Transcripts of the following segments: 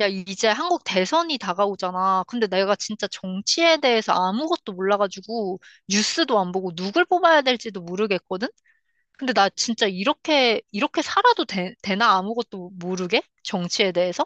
야, 이제 한국 대선이 다가오잖아. 근데 내가 진짜 정치에 대해서 아무것도 몰라가지고 뉴스도 안 보고 누굴 뽑아야 될지도 모르겠거든? 근데 나 진짜 이렇게 살아도 되나? 아무것도 모르게? 정치에 대해서?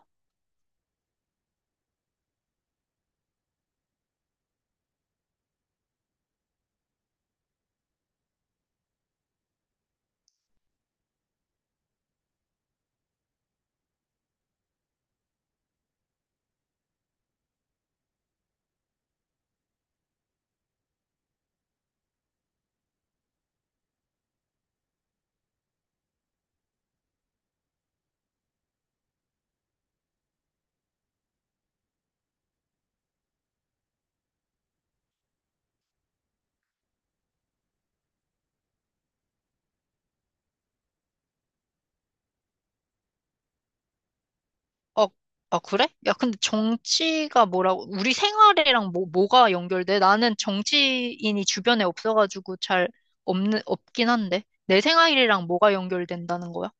어, 아, 그래? 야, 근데 정치가 뭐라고, 우리 생활이랑 뭐가 연결돼? 나는 정치인이 주변에 없어가지고 잘 없긴 한데. 내 생활이랑 뭐가 연결된다는 거야?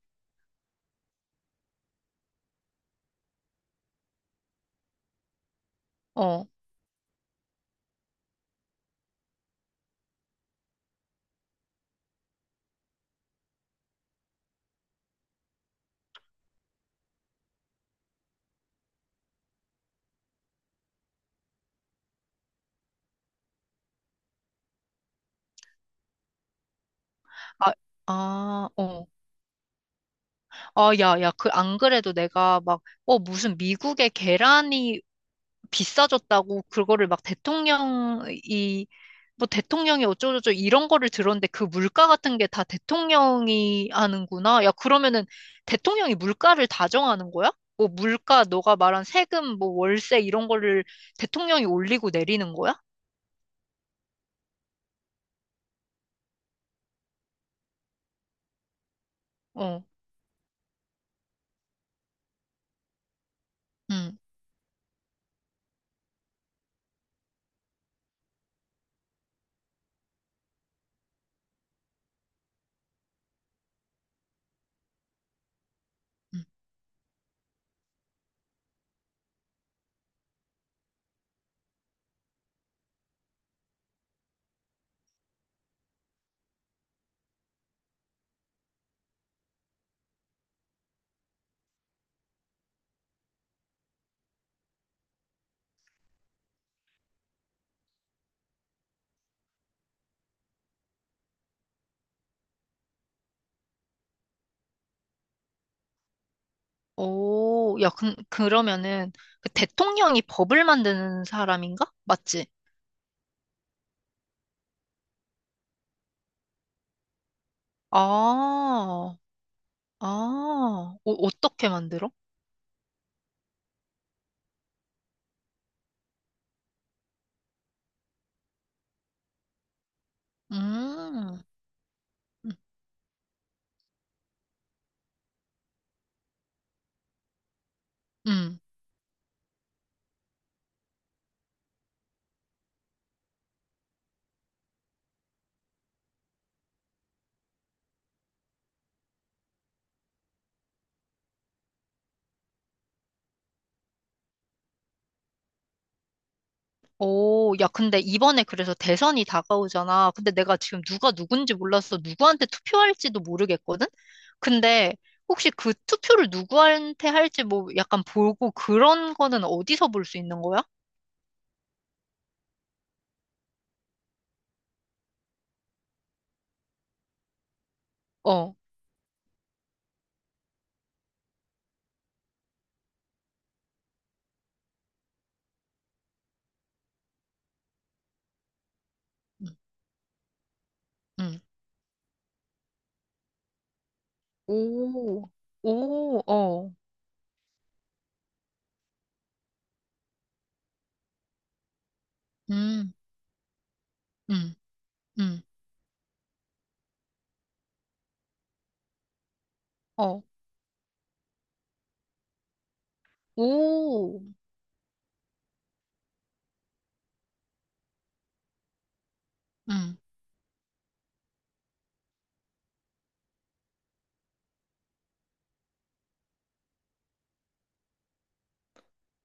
어. 아, 아, 어. 아, 야, 야, 안 그래도 내가 막, 무슨 미국의 계란이 비싸졌다고 그거를 막 대통령이, 뭐 대통령이 어쩌고저쩌고 이런 거를 들었는데 그 물가 같은 게 다 대통령이 하는구나. 야, 그러면은 대통령이 물가를 다 정하는 거야? 뭐 물가, 너가 말한 세금, 뭐 월세 이런 거를 대통령이 올리고 내리는 거야? 어, 응. 응. 오, 야, 그러면은 그 대통령이 법을 만드는 사람인가? 맞지? 아, 아, 어떻게 만들어? 음, 음, 음. 오, 야, 근데 이번에 그래서 대선이 다가오잖아. 근데 내가 지금 누가 누군지 몰라서 누구한테 투표할지도 모르겠거든? 근데 혹시 그 투표를 누구한테 할지 뭐 약간 보고 그런 거는 어디서 볼 수 있는 거야? 어, 음, 음. 오, 오, 어, 음, 음, 음, 어, 오, 음.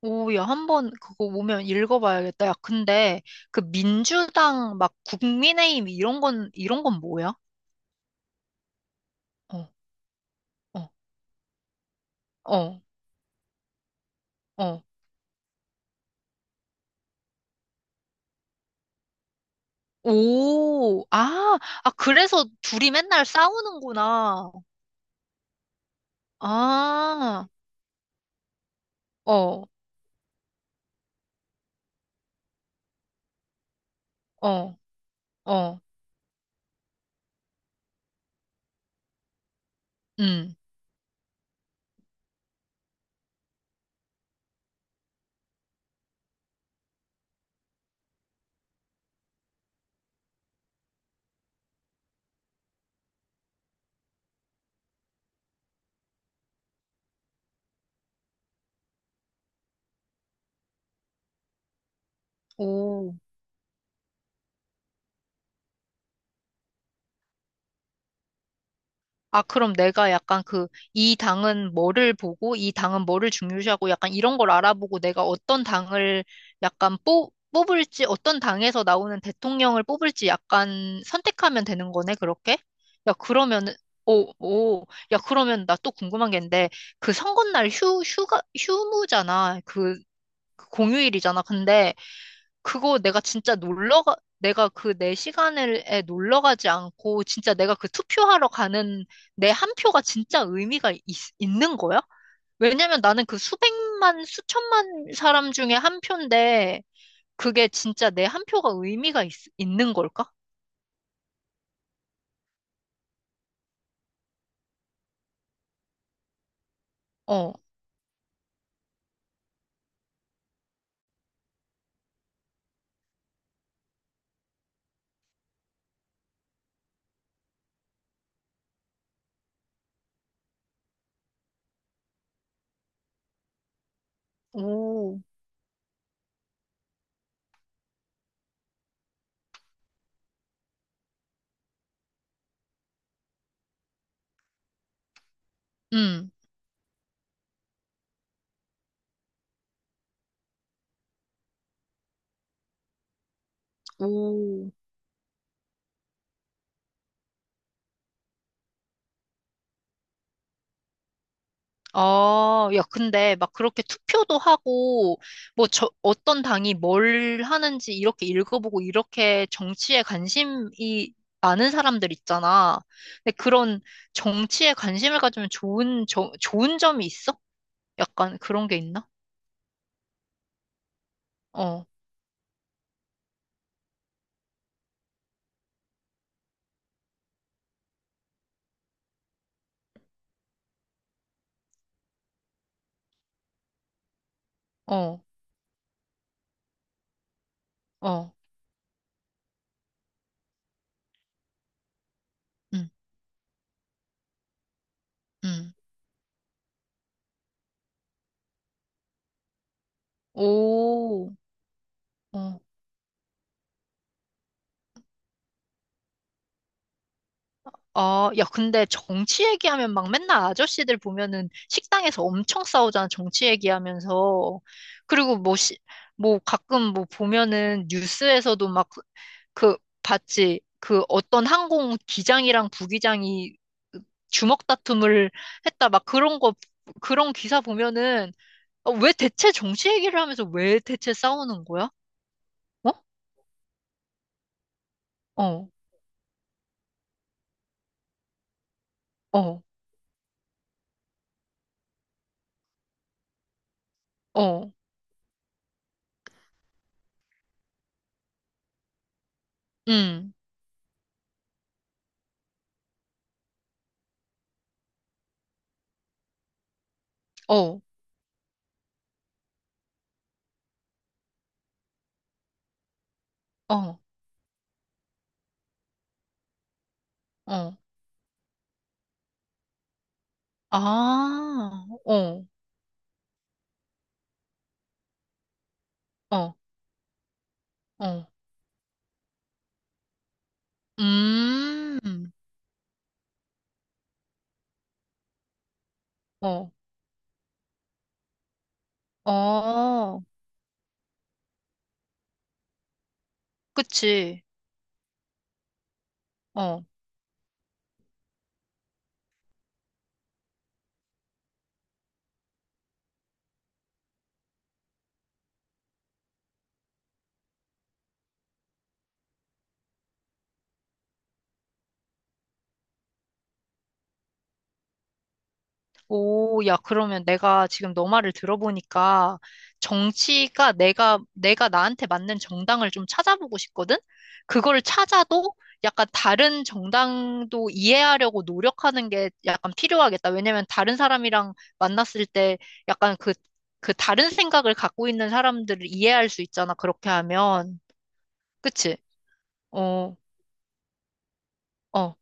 오, 야, 한번 그거 오면 읽어봐야겠다. 야, 근데 그 민주당 막 국민의힘 이런 건 뭐야? 어, 어, 어, 어. 오, 아, 아, 그래서 둘이 맨날 싸우는구나. 아, 어, 어, 어, 음, 오. 아, 그럼 내가 약간 이 당은 뭐를 보고, 이 당은 뭐를 중요시하고, 약간 이런 걸 알아보고, 내가 어떤 당을 약간 뽑을지, 어떤 당에서 나오는 대통령을 뽑을지 약간 선택하면 되는 거네, 그렇게? 야, 그러면은, 오, 오, 야, 그러면 나 또 궁금한 게 있는데, 그 선거날 휴가, 휴무잖아. 그 공휴일이잖아. 근데, 그거 내가 진짜 내가 그 내 시간에 놀러 가지 않고 진짜 내가 그 투표하러 가는 내 한 표가 진짜 의미가 있는 거야? 왜냐면 나는 그 수백만, 수천만 사람 중에 한 표인데 그게 진짜 내 한 표가 의미가 있는 걸까? 어, 오, 음, 오. 아, 야, 근데 막 그렇게 투표도 하고, 뭐, 저, 어떤 당이 뭘 하는지 이렇게 읽어보고, 이렇게 정치에 관심이 많은 사람들 있잖아. 근데 그런 정치에 관심을 가지면 좋은 점이 있어? 약간 그런 게 있나? 어, 어, 어, 음, 음. 오, 어. 어, 야, 근데 정치 얘기하면 막 맨날 아저씨들 보면은 식당에서 엄청 싸우잖아, 정치 얘기하면서. 그리고 뭐, 뭐 가끔 뭐 보면은 뉴스에서도 막 그 봤지. 그 어떤 항공 기장이랑 부기장이 주먹 다툼을 했다, 막 그런 거, 그런 기사 보면은 어, 왜 대체 정치 얘기를 하면서 왜 대체 싸우는 거야? 어? 어, 어, 어, 음, 어, 어, 어. 아, 어, 어, 어. 음, 어, 어. 그치. 어. 오, 야, 그러면 내가 지금 너 말을 들어보니까 정치가 내가 나한테 맞는 정당을 좀 찾아보고 싶거든? 그걸 찾아도 약간 다른 정당도 이해하려고 노력하는 게 약간 필요하겠다. 왜냐면 다른 사람이랑 만났을 때 약간 그 다른 생각을 갖고 있는 사람들을 이해할 수 있잖아. 그렇게 하면. 그치? 어, 어.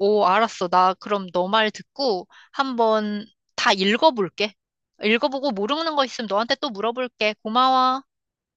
오, 알았어. 나 그럼 너 말 듣고 한번 다 읽어볼게. 읽어보고 모르는 거 있으면 너한테 또 물어볼게. 고마워.